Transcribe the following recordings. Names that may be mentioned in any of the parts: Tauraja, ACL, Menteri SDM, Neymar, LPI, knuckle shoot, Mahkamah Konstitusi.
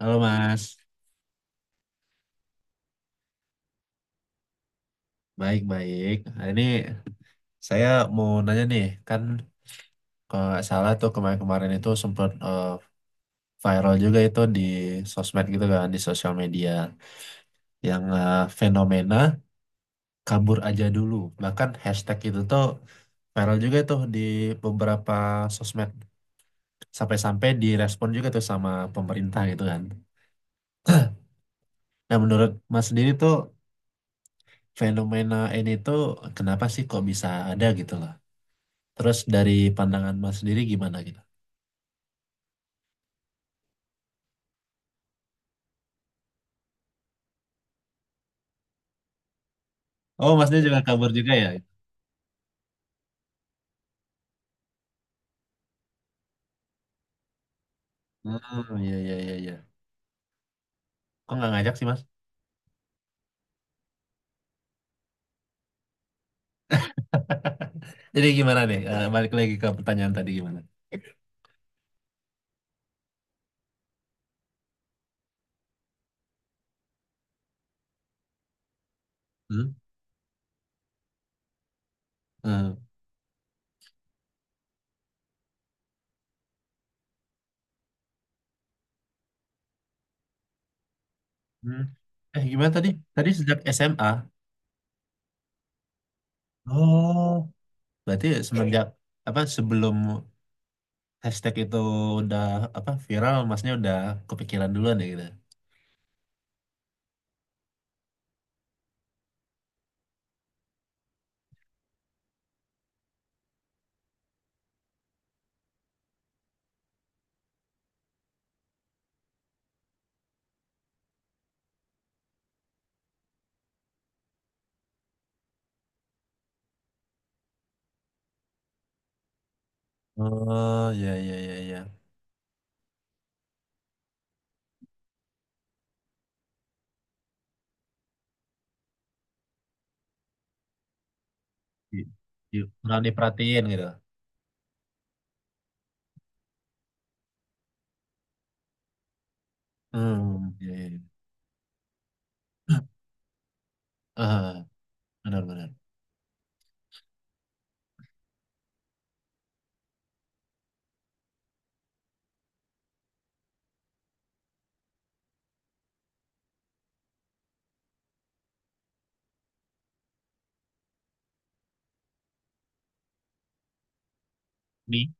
Halo Mas, baik-baik. Hari ini saya mau nanya nih, kan kalau nggak salah tuh kemarin-kemarin itu sempat viral juga itu di sosmed gitu kan, di sosial media. Yang fenomena kabur aja dulu. Bahkan hashtag itu tuh viral juga tuh di beberapa sosmed. Sampai-sampai direspon juga tuh sama pemerintah gitu kan. Nah menurut Mas sendiri tuh fenomena ini tuh kenapa sih kok bisa ada gitu loh? Terus dari pandangan Mas sendiri gimana gitu? Oh, masnya juga kabur juga ya? Hmm, iya, iya, iya, iya. Kok nggak ngajak sih, Mas? Jadi gimana nih? Eh, balik lagi ke pertanyaan tadi gimana? Hmm? Hmm. Hmm. Eh, gimana tadi? Tadi sejak SMA. Oh, berarti semenjak apa sebelum hashtag itu udah apa viral, masnya udah kepikiran duluan ya gitu. Oh, iya, iya, iya, iya. Di- di- Kurang diperhatiin gitu. Hmm, iya, iya, iya. Ah, benar-benar. Di?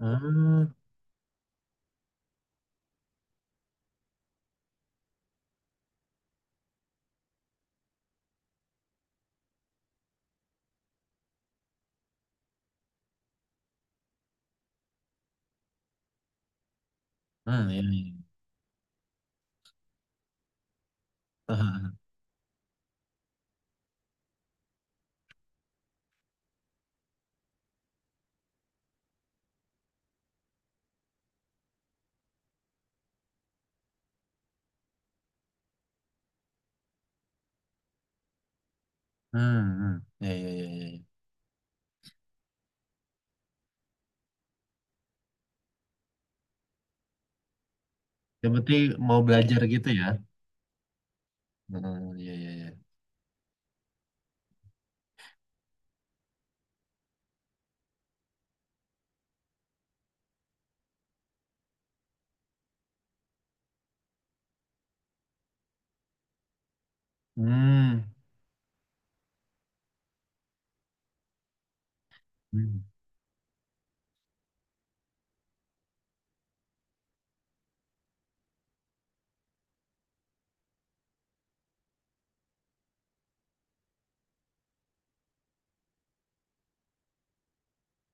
Ya. Hmm, iya, iya. Tahan. Hmm, hmm. Iya, iya, iya, iya, iya. Yang penting mau belajar gitu ya. Hmm, iya, iya, iya. Hmm. Hmm,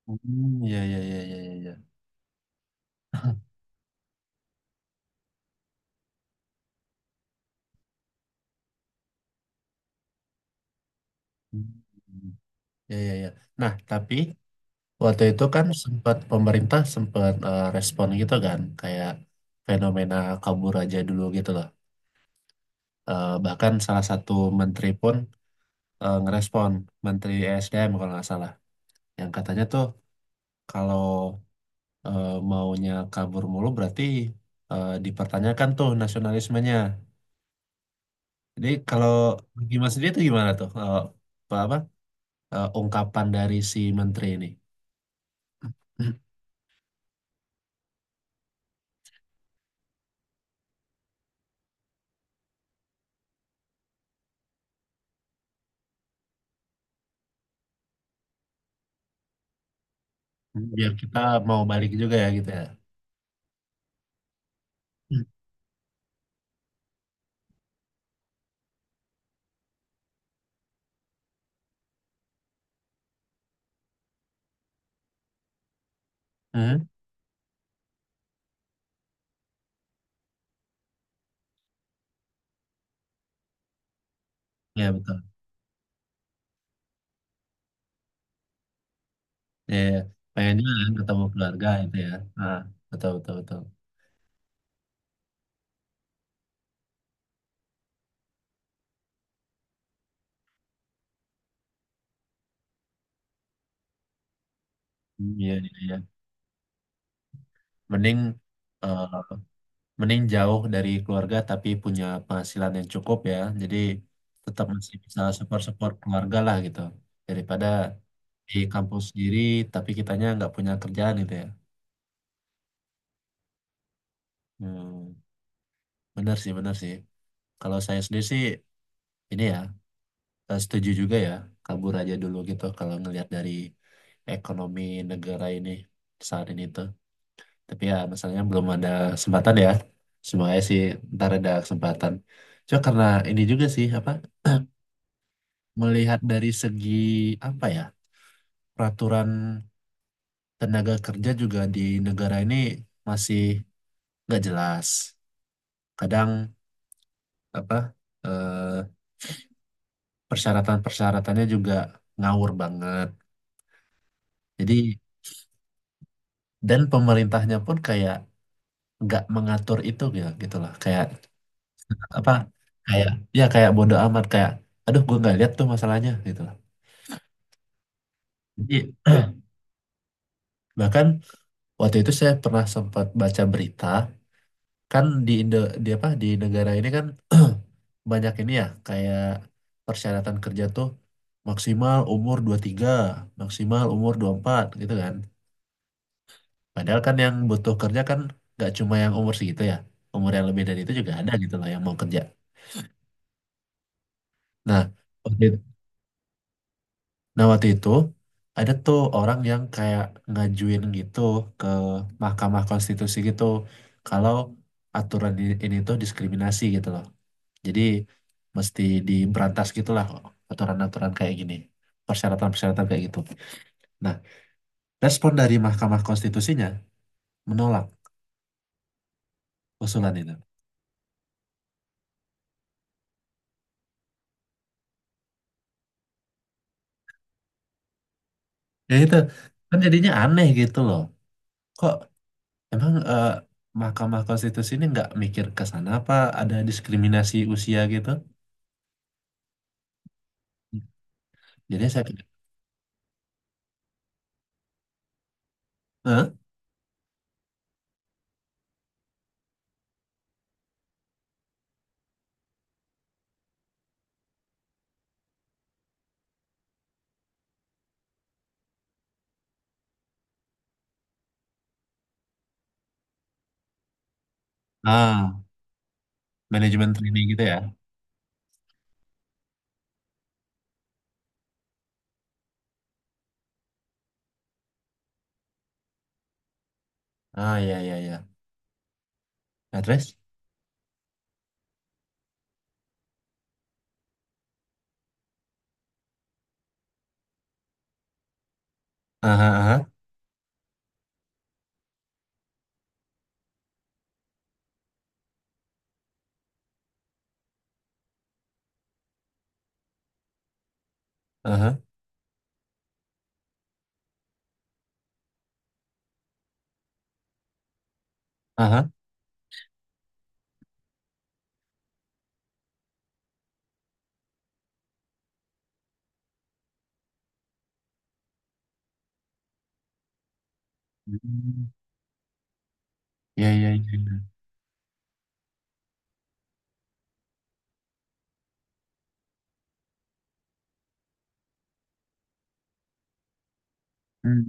hmm, iya, iya, iya, iya, iya, iya. Hmm. Iya, iya, iya. Nah, tapi waktu itu kan sempat pemerintah sempat respon gitu kan, kayak fenomena kabur aja dulu gitu loh. Eh, bahkan salah satu menteri pun ngerespon, Menteri SDM kalau nggak salah, yang katanya tuh kalau maunya kabur mulu berarti dipertanyakan tuh nasionalismenya. Jadi kalau bagi Mas dia tuh gimana tuh apa, apa, ungkapan dari si menteri ini? Biar kita mau balik juga ya gitu ya. Hmm? Ya betul. Ya, ya. Pengennya kan ketemu keluarga itu ya. Nah, betul betul betul. Hmm, iya iya iya. Mending eh, mending jauh dari keluarga tapi punya penghasilan yang cukup ya. Jadi tetap masih bisa support-support keluarga lah gitu. Daripada di kampus sendiri tapi kitanya nggak punya kerjaan gitu ya. Hmm, bener sih, bener sih. Kalau saya sendiri sih ini ya setuju juga ya. Kabur aja dulu gitu kalau ngelihat dari ekonomi negara ini saat ini tuh. Tapi ya masalahnya belum ada kesempatan ya. Semuanya sih ntar ada kesempatan. Cuma karena ini juga sih apa melihat dari segi apa ya peraturan tenaga kerja juga di negara ini masih nggak jelas. Kadang apa eh, persyaratan-persyaratannya juga ngawur banget. Jadi dan pemerintahnya pun kayak nggak mengatur itu ya, gitu gitulah kayak apa kayak ya kayak bodo amat kayak aduh gue nggak lihat tuh masalahnya gitu lah. Jadi bahkan waktu itu saya pernah sempat baca berita kan di Indo di apa di negara ini kan banyak ini ya kayak persyaratan kerja tuh maksimal umur 23 maksimal umur 24 gitu kan. Padahal kan yang butuh kerja kan gak cuma yang umur segitu ya. Umur yang lebih dari itu juga ada gitu loh yang mau kerja. Nah, waktu itu, nah waktu itu ada tuh orang yang kayak ngajuin gitu ke Mahkamah Konstitusi gitu kalau aturan ini tuh diskriminasi gitu loh. Jadi mesti diberantas gitulah aturan-aturan kayak gini, persyaratan-persyaratan kayak gitu. Nah, respon dari Mahkamah Konstitusinya menolak usulan itu. Ya itu kan jadinya aneh gitu loh. Kok emang Mahkamah Konstitusi ini nggak mikir ke sana apa ada diskriminasi usia gitu? Jadi saya pikir, "Hah? Ah, manajemen training gitu ya? Ah, ya ya ya. Nah, terus? Aha, aha, aha, aha. Hmm. Ya ya ya, iya. Hmm.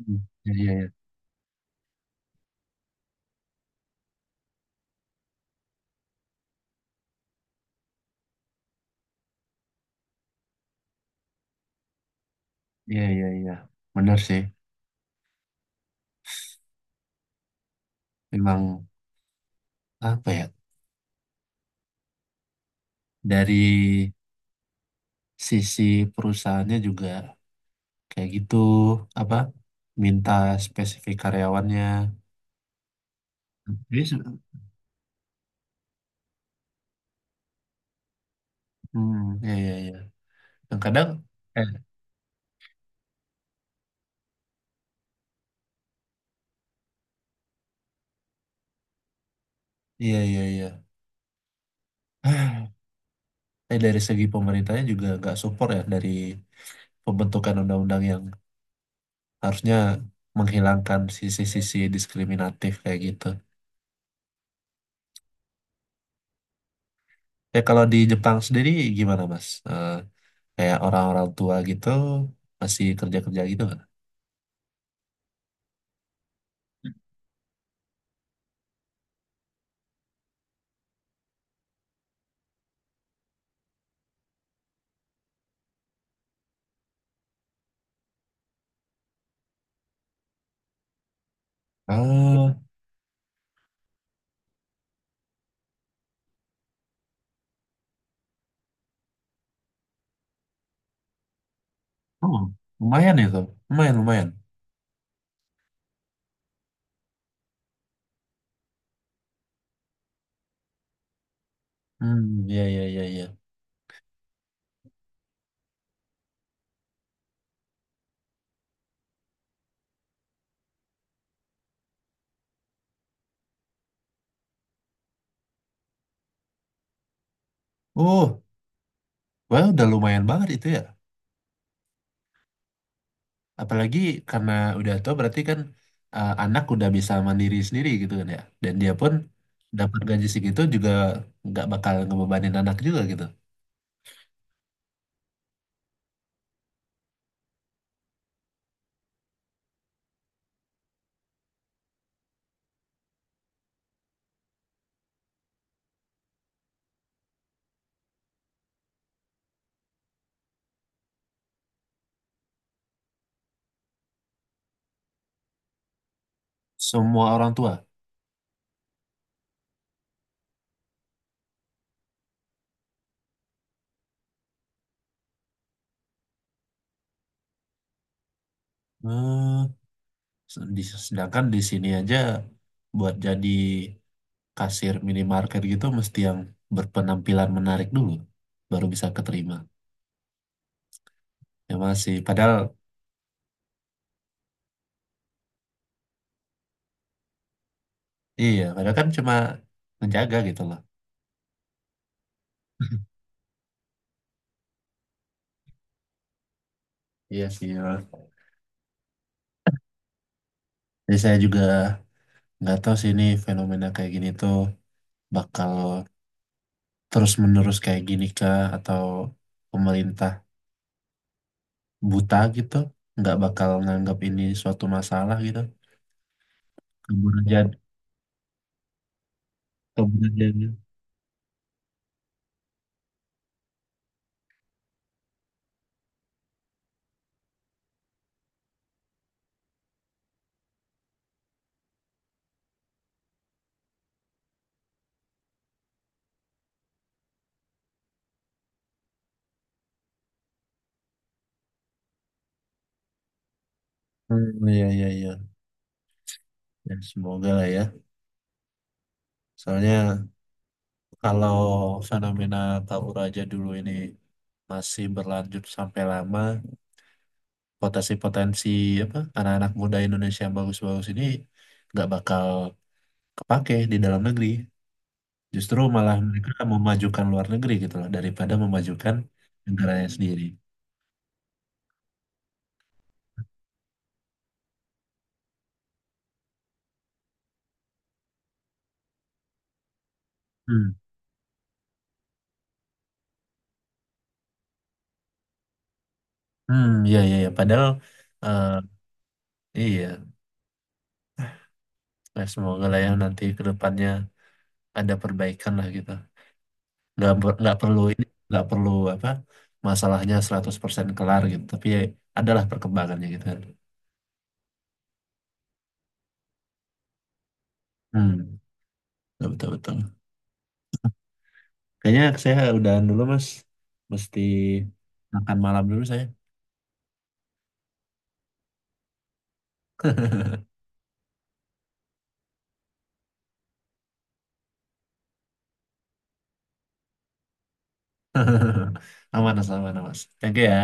Ya ya ya. Iya, iya, iya. Benar sih. Memang apa ya? Dari sisi perusahaannya juga kayak gitu, apa? Minta spesifik karyawannya. Jadi, se- hmm, iya, iya, iya. Dan kadang, eh, iya, iya, iya. Ah, eh, dari segi pemerintahnya juga nggak support ya dari pembentukan undang-undang yang harusnya menghilangkan sisi-sisi diskriminatif kayak gitu. Eh, kalau di Jepang sendiri gimana, Mas? Eh, kayak orang-orang tua gitu masih kerja-kerja gitu nggak? Ah, oh, lumayan itu. Lumayan, lumayan. Hmm, ya ya ya ya. Uh, well, udah lumayan banget itu ya. Apalagi karena udah tua berarti kan anak udah bisa mandiri sendiri gitu kan ya. Dan dia pun dapat gaji segitu juga nggak bakal ngebebanin anak juga gitu. Semua orang tua. Hmm, se- di- sedangkan di sini aja buat jadi kasir minimarket gitu mesti yang berpenampilan menarik dulu baru bisa keterima ya masih padahal iya padahal kan cuma menjaga gitu loh. Iya sih, ya. Jadi saya juga nggak tahu sih ini fenomena kayak gini tuh bakal terus menerus kayak gini kah atau pemerintah buta gitu nggak bakal nganggap ini suatu masalah gitu kebudayaan kebudayaan. Hmm, iya iya iya. Ya, semoga lah ya. Soalnya kalau fenomena Tauraja dulu ini masih berlanjut sampai lama, potensi-potensi apa anak-anak muda Indonesia yang bagus-bagus ini nggak bakal kepake di dalam negeri. Justru malah mereka memajukan luar negeri gitu loh daripada memajukan negaranya sendiri. Hmm, hmm, iya iya iya. Padahal eh, iya, nah, semoga lah ya nanti ke depannya ada perbaikan lah gitu. Nggak ber- nggak perlu ini nggak perlu apa masalahnya 100% kelar gitu tapi ya adalah perkembangannya gitu kan hmm betul betul betul. Kayaknya saya udahan dulu mas mesti makan malam dulu saya. Aman mas aman mas thank you ya.